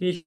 Et-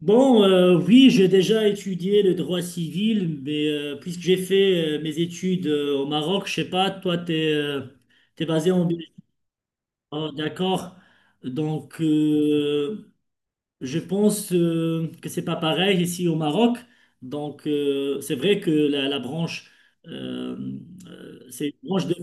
Bon, oui, j'ai déjà étudié le droit civil, mais puisque j'ai fait mes études au Maroc, je sais pas, toi, tu es, basé en Belgique. Ah, d'accord. Donc, je pense que c'est pas pareil ici au Maroc. Donc, c'est vrai que la branche, euh, c'est une branche de...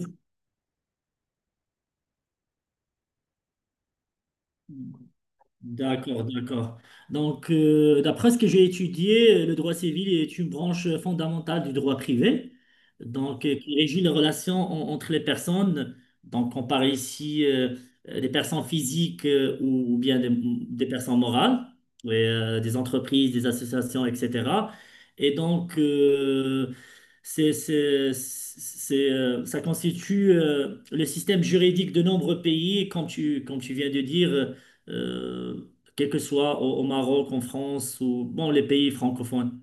D'accord, d'accord. Donc, d'après ce que j'ai étudié, le droit civil est une branche fondamentale du droit privé, donc qui régit les relations entre les personnes. Donc, on parle ici des personnes physiques ou bien des personnes morales, et, des entreprises, des associations, etc. Et donc, c'est, ça constitue le système juridique de nombreux pays, comme tu viens de dire quel que soit au, au Maroc, en France ou bon, les pays francophones.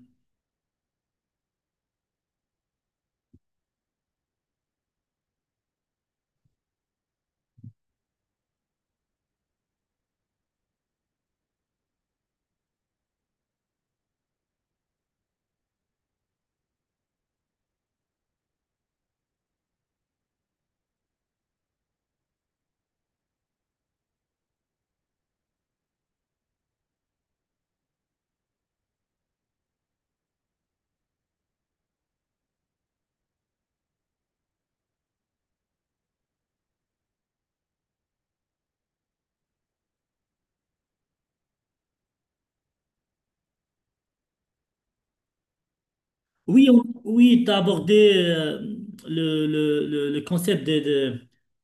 Oui, oui, tu as abordé le concept des de,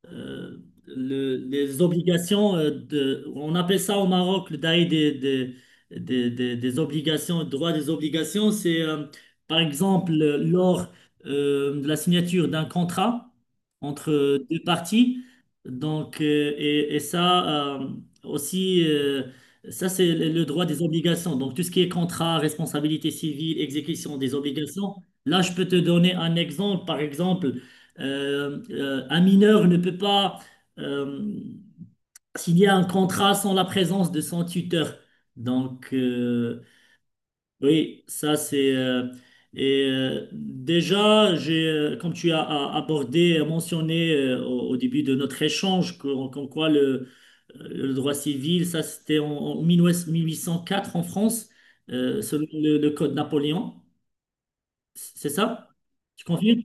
euh, les obligations de, on appelle ça au Maroc le dahir des obligations, droit des obligations, c'est par exemple lors de la signature d'un contrat entre deux parties. Donc, et ça aussi. Ça, c'est le droit des obligations. Donc, tout ce qui est contrat, responsabilité civile, exécution des obligations. Là, je peux te donner un exemple. Par exemple, un mineur ne peut pas euh, signer un contrat sans la présence de son tuteur. Donc, oui, ça c'est... et déjà, j'ai, comme tu as mentionné au, au début de notre échange, comme quoi le droit civil, ça c'était en, en mille huit cent quatre en France, selon le Code Napoléon. C'est ça? Tu confirmes?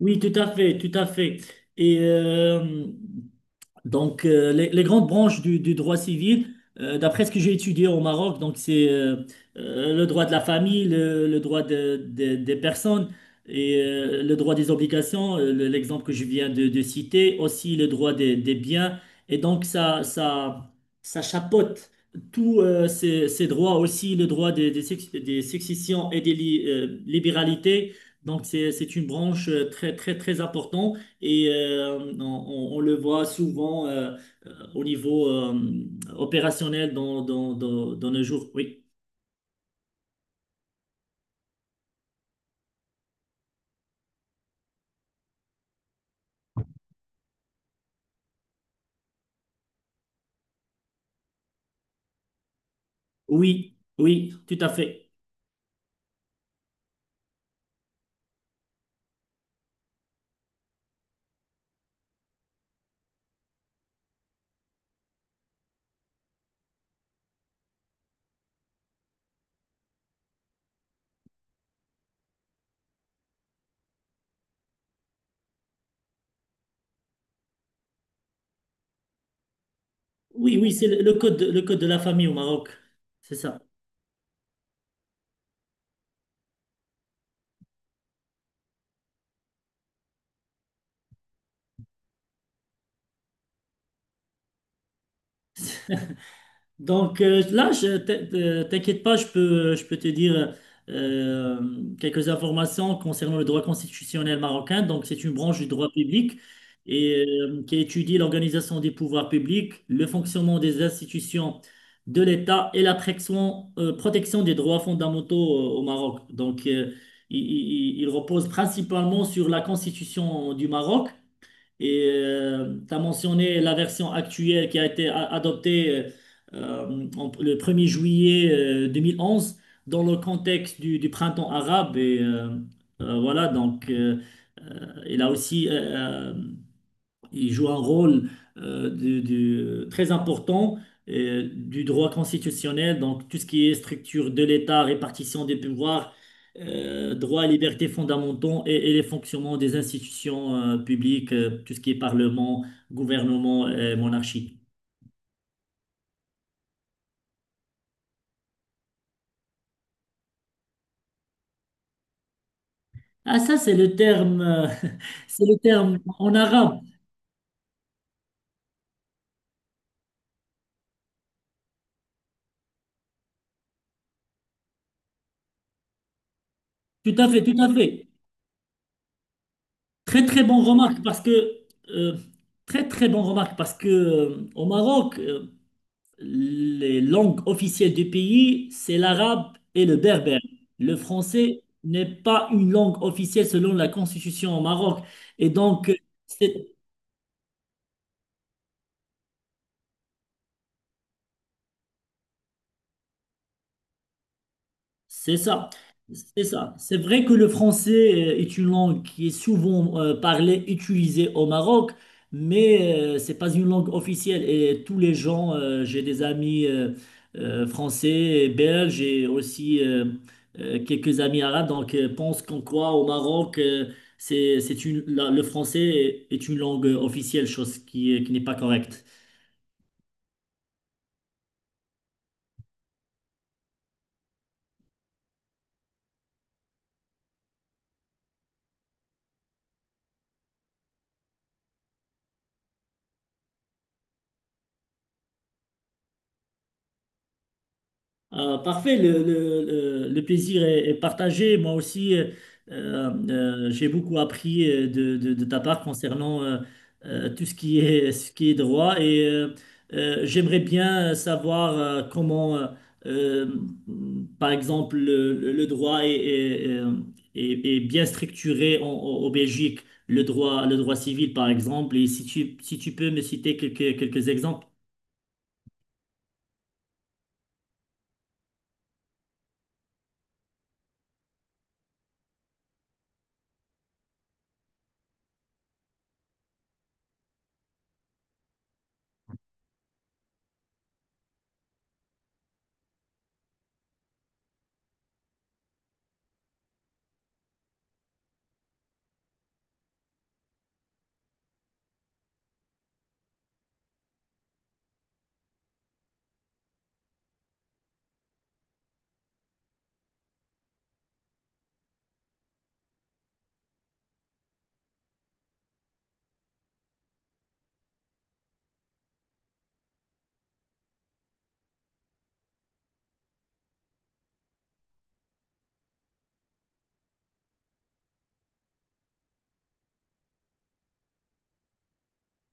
Oui, tout à fait, tout à fait. Et donc, les grandes branches du droit civil, d'après ce que j'ai étudié au Maroc, donc c'est le droit de la famille, le droit des personnes et le droit des obligations, l'exemple que je viens de citer, aussi le droit des biens. Et donc, ça chapeaute tous ces, ces droits, aussi le droit des, des successions et des libéralités. Donc, c'est une branche euh, très importante. Et on, on le voit souvent au niveau opérationnel dans, dans, dans nos jours. Oui, oui, oui, tout à fait. Oui, oui, c'est le, le code de la famille au Maroc. C'est ça. Donc là, t'inquiète pas, je peux te dire euh, quelques informations concernant le droit constitutionnel marocain. Donc, c'est une branche du droit public et, qui étudie l'organisation des pouvoirs publics, le fonctionnement des institutions de l'État et la protection, protection des droits fondamentaux au Maroc. Donc, il, il repose principalement sur la Constitution du Maroc et tu as mentionné la version actuelle qui a été adoptée le 1er juillet 2011 dans le contexte du printemps arabe. Et voilà, donc il a aussi il joue un rôle très important du droit constitutionnel, donc tout ce qui est structure de l'État, répartition des pouvoirs, droits et libertés fondamentaux et les fonctionnements des institutions publiques, tout ce qui est parlement, gouvernement et monarchie. Ah, ça, c'est le terme, c'est le terme en arabe. Tout à fait, tout à fait. Très, très bonne remarque parce que, euh, très, très bonne remarque parce que au Maroc, les langues officielles du pays, c'est l'arabe et le berbère. Le français n'est pas une langue officielle selon la constitution au Maroc. Et donc, c'est- c'est ça, c'est ça. C'est vrai que le français est une langue qui est souvent parlée, utilisée au Maroc, mais c'est pas une langue officielle. Et tous les gens, j'ai des amis français, et belges et aussi quelques amis arabes, donc pensent qu'en quoi au Maroc, c'est une, le français est une langue officielle, chose qui n'est pas correcte. Parfait, le, le plaisir est, est partagé. Moi aussi, j'ai beaucoup appris de, de ta part concernant tout ce qui est droit et j'aimerais bien savoir comment, euh, par exemple, le, le droit est, est bien structuré en, en Belgique, le droit civil, par exemple. Et si tu, si tu peux me citer quelques, quelques exemples.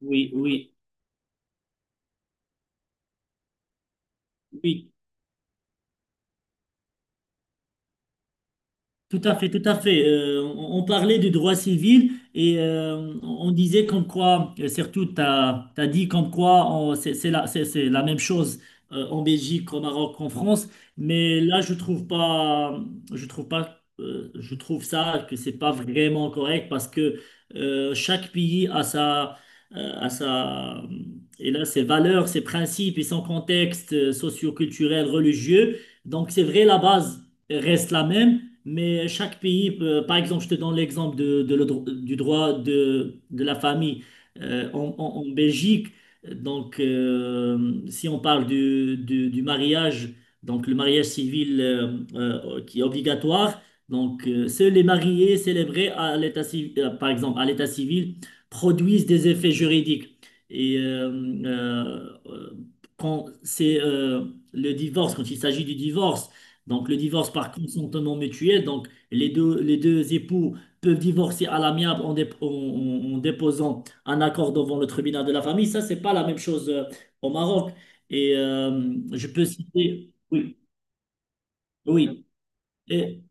Oui, oui, oui. Tout à fait, tout à fait. On parlait du droit civil et on disait comme quoi, surtout, tu as, dit comme quoi c'est la, c'est la même chose en Belgique, au Maroc, en France, mais là, je trouve pas, je trouve pas, je trouve ça que c'est pas vraiment correct parce que chaque pays a sa, euh, a sa, et là, ses valeurs, ses principes et son contexte socio-culturel, religieux. Donc, c'est vrai, la base reste la même. Mais chaque pays, par exemple, je te donne l'exemple de, du droit de la famille en, en Belgique. Donc, si on parle du, du mariage, donc le mariage civil qui est obligatoire, donc seuls les mariés célébrés à l'état civil, par exemple à l'état civil, produisent des effets juridiques. Et euh, euh, quand c'est le divorce, quand il s'agit du divorce. Donc, le divorce par consentement mutuel, donc les deux époux peuvent divorcer à l'amiable en, en déposant un accord devant le tribunal de la famille. Ça, c'est pas la même chose au Maroc. Et je peux citer. Oui, oui. Et,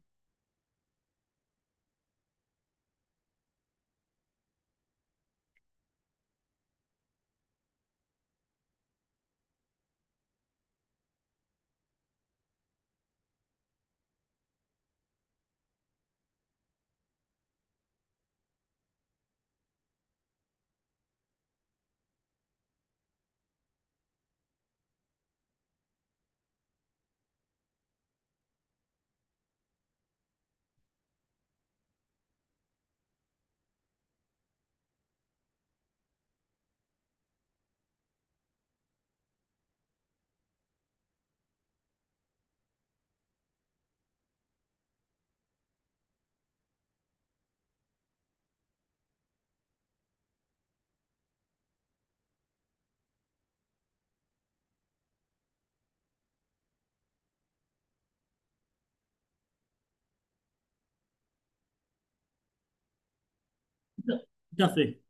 tout à fait.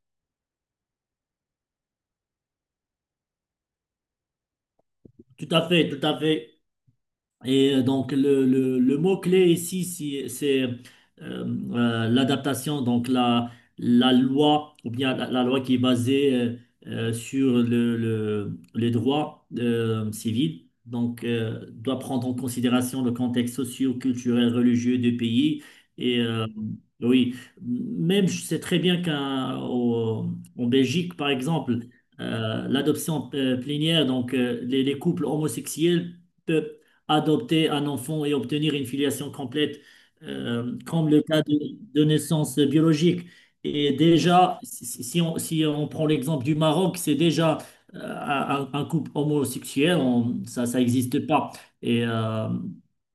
Tout à fait, tout à fait. Et donc, le, le mot-clé ici, c'est euh, l'adaptation, donc la loi, ou bien la, la loi qui est basée sur le, les droits civils, donc doit prendre en considération le contexte socio-culturel, religieux du pays. Et oui, même je sais très bien qu'en Belgique, par exemple, l'adoption plénière, donc les couples homosexuels, peuvent adopter un enfant et obtenir une filiation complète, comme le cas de naissance biologique. Et déjà, si on, si on prend l'exemple du Maroc, c'est déjà un couple homosexuel, ça, ça n'existe pas. Et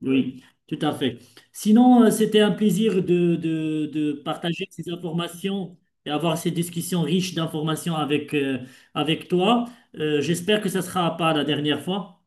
oui, tout à fait. Sinon, c'était un plaisir de, de partager ces informations et avoir ces discussions riches d'informations avec, avec toi. J'espère que ça ne sera pas la dernière fois.